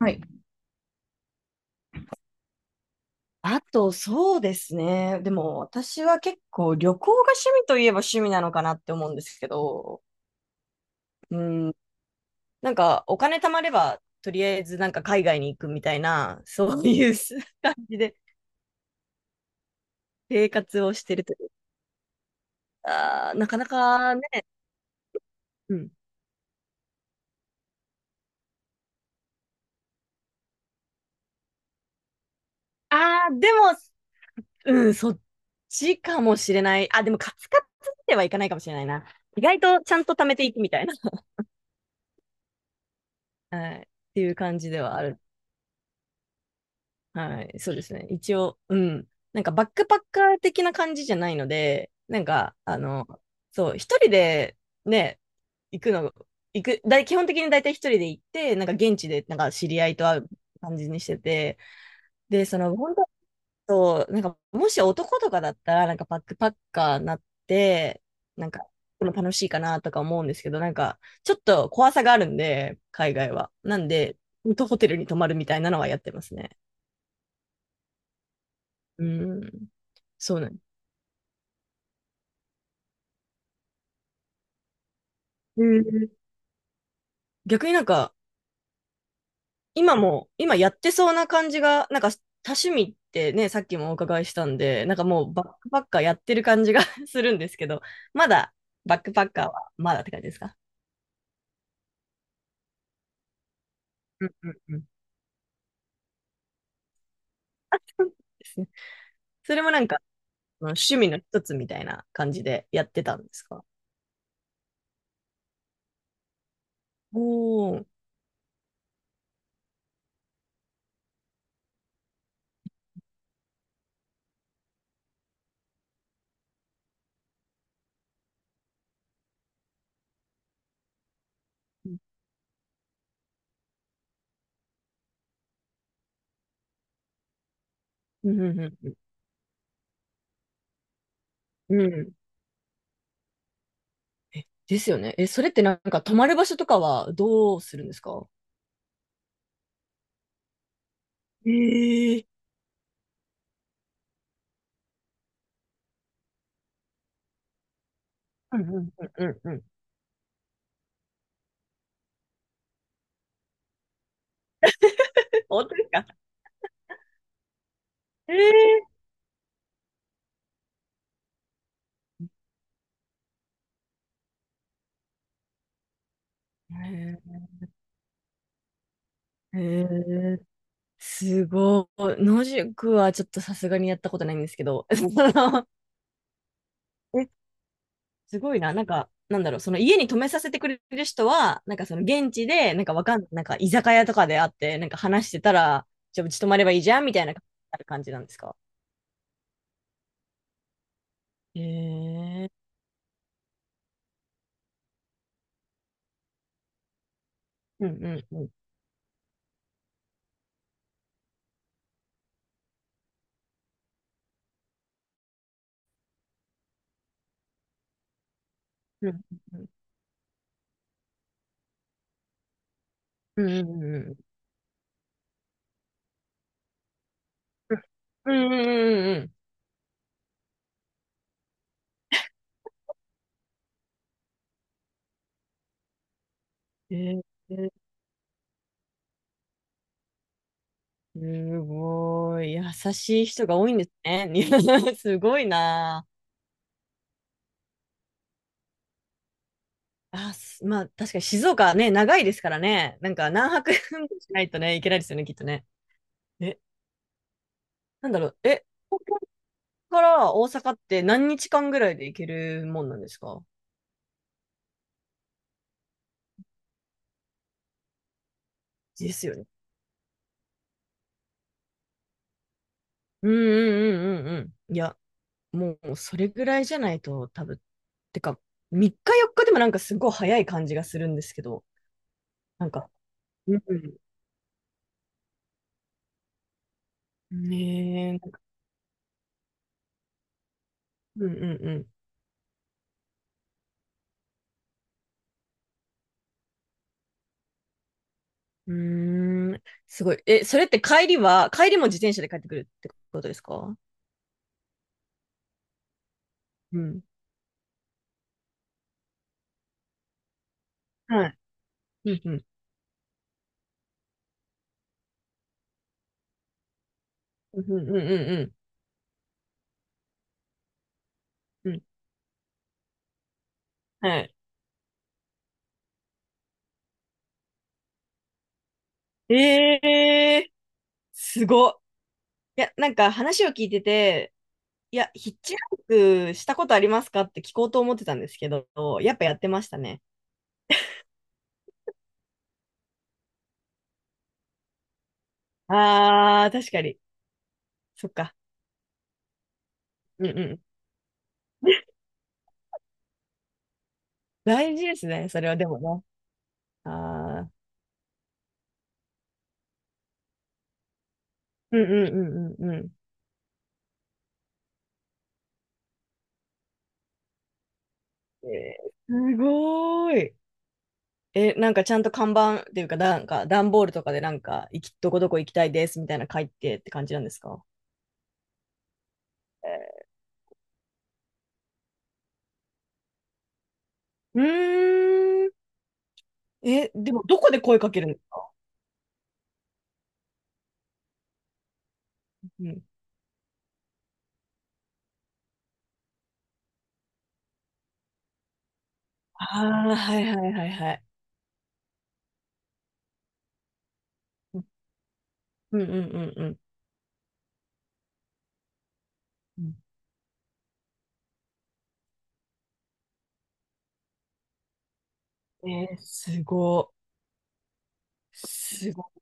はい。あと、そうですね。でも、私は結構旅行が趣味といえば趣味なのかなって思うんですけど、うん、なんかお金貯まれば、とりあえずなんか海外に行くみたいな、そういう 感じで生活をしてるというか、なかなかね、うん。ああ、でも、うん、そっちかもしれない。あ、でもカツカツではいかないかもしれないな。意外とちゃんと貯めていくみたいな、はい、っていう感じではある。はい、そうですね。一応、うん。なんかバックパッカー的な感じじゃないので、なんか、そう、一人でね、行くの、行く、だい、基本的に大体一人で行って、なんか現地で、なんか知り合いと会う感じにしてて、で、その、本当そうなんか、もし男とかだったら、なんかバックパッカーになって、なんか、この楽しいかなとか思うんですけど、なんか、ちょっと怖さがあるんで、海外は。なんで、ホテルに泊まるみたいなのはやってますね。うん。そうね。へえ、逆になんか、今も、今やってそうな感じが、なんか多趣味ってね、さっきもお伺いしたんで、なんかもうバックパッカーやってる感じが するんですけど、まだバックパッカーはまだって感じですか？うんうんうん。あ、そうですね。それもなんか、その趣味の一つみたいな感じでやってたんですか？おー。うんうんうんうん。うん、ですよね。え、それってなんか泊まる場所とかはどうするんですか？ええ、うんうんうんうんうん。本当ですか？ええー、えー、すごい。野宿はちょっとさすがにやったことないんですけど、その、え、すごいな。なんか、なんだろう、その家に泊めさせてくれる人は、なんかその現地で、なんかわかん、なんか居酒屋とかで会って、なんか話してたら、じゃあうち泊まればいいじゃんみたいな感じなんですか？ええー、うんうんうん。うんうんうん。うんうんうんうん。うんうんうんうん。えー、すごい。優しい人が多いんですね。すごいな。あ、す、まあ、確かに静岡ね、長いですからね。なんか何泊 もしないとね、いけないですよね、きっとね。え、なんだろう。え、東京から大阪って何日間ぐらいで行けるもんなんですか？ですよね。うんうんうんうんうん。いや、もうそれぐらいじゃないと多分。てか、3日4日でもなんかすごい早い感じがするんですけど。なんか。うん。ねえ。うんうんうん。うーん、すごい。え、それって帰りは、帰りも自転車で帰ってくるってことですか？うん。はい。うん、うん、うん、うん、うん、うん。うん、はい。えー、すごっ。いや、なんか話を聞いてて、いや、ヒッチハイクしたことありますかって聞こうと思ってたんですけど、やっぱやってましたね。あー、確かに。そっか。うんうん。大事ですね、それはでもね。あー。うんうんうんうんうん。えー、すごーい。え、なんかちゃんと看板っていうか、なんか段ボールとかでなんか、行き、どこどこ行きたいですみたいな書いてって感じなんですか？うーん。え、でもどこで声かけるんですか？うん。ああ、はいはいはいはい。うんうんうんうん。うん、えー、すごい。すごい。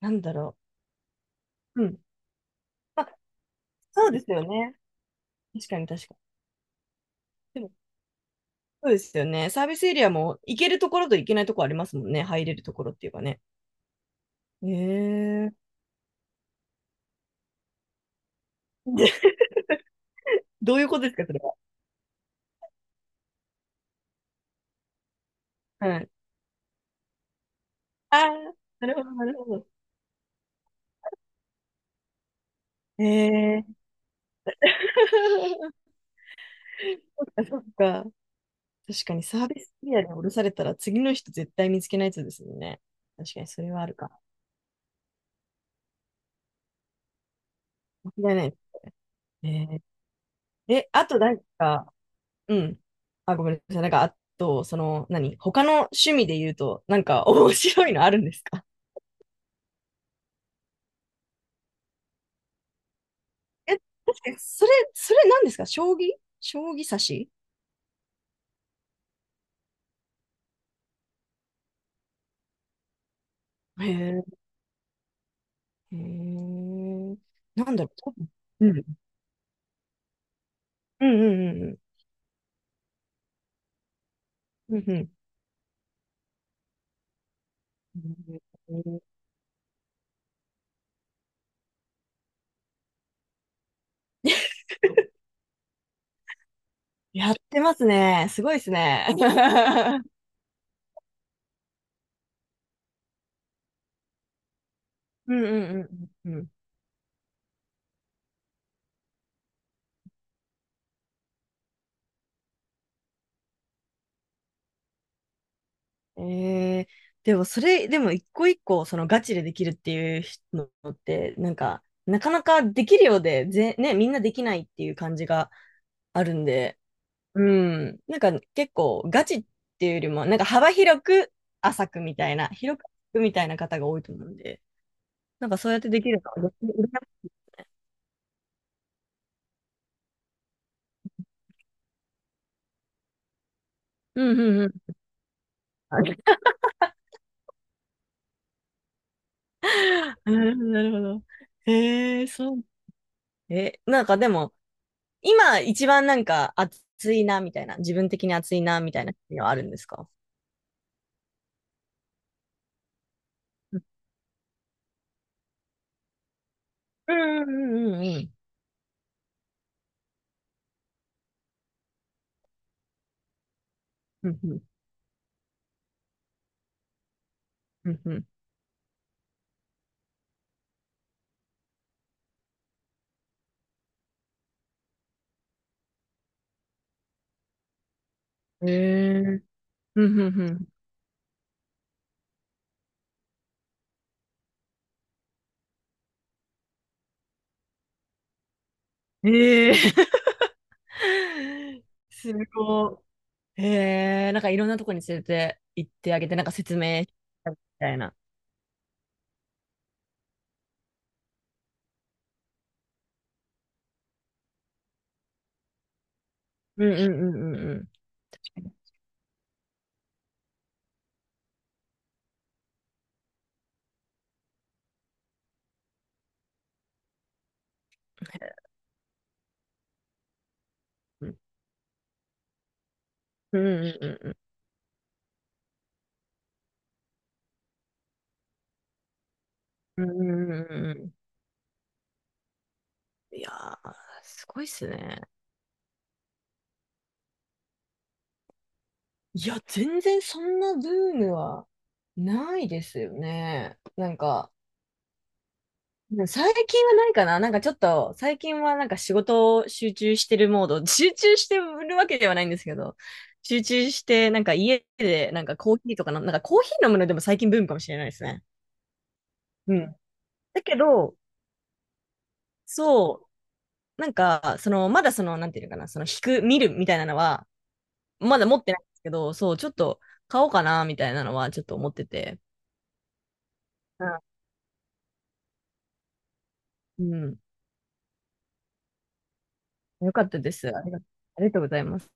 なんだろう。うん。まあ、そうですよね。確かに確かに。でも、そうですよね。サービスエリアも行けるところと行けないところありますもんね。入れるところっていうかね。えー。どういうことですか、それは。はい、ああ、なるほど、なるほど。ええ そっか。確かにサービスエリアに降ろされたら次の人絶対見つけないやつですもんね。確かにそれはあるか。間違いない。えー、え、あとなんか、うん。あ、ごめんなさい。なんか、あと、その、何他の趣味で言うと、なんか 面白いのあるんですか？え、確かに、それ、それ何ですか、将棋、将棋指し、へえ、へえ、なんだろう、多分、うん。うんうんうんうん。うんうん。へー、やってますね。すごいですね。うんうんうんうんうん。えー、でもそれ、でも一個一個そのガチでできるっていうのって、なんか、なかなかできるようで、ぜ、ね、みんなできないっていう感じがあるんで、うん。なんか結構ガチっていうよりも、なんか幅広く浅くみたいな、広く浅くみたいな方が多いと思うんで、なんかそうやってできるのは逆に羨ましい。うんうんうん。なるほど、なるほど。へえ、そう。え、なんかでも、今一番なんか熱いなみたいな、自分的に熱いなみたいなのはあるんですか？うんうんうんうん。うんうんうんうん。えー。うんうんうん。えー。すごい。えー。なんかいろんなとこに連れて行ってあげて、なんか説明したみたいな。うんうんうんうんうん。確かに。うんうんうんうんうん。うんうんうんうん、いやー、すごいっすね。いや、全然そんなブームはないですよね。なんか、最近はないかな。なんかちょっと、最近はなんか仕事を集中してるモード、集中してるわけではないんですけど、集中して、なんか家でなんかコーヒーとかの、なんかコーヒー飲むのでも最近ブームかもしれないですね。うん。だけど、そう、なんか、その、まだその、なんていうのかな、その、引く、見るみたいなのは、まだ持ってないんですけど、そう、ちょっと買おうかな、みたいなのはちょっと思ってて。うん。うん、よかったです。ありが、ありがとうございます。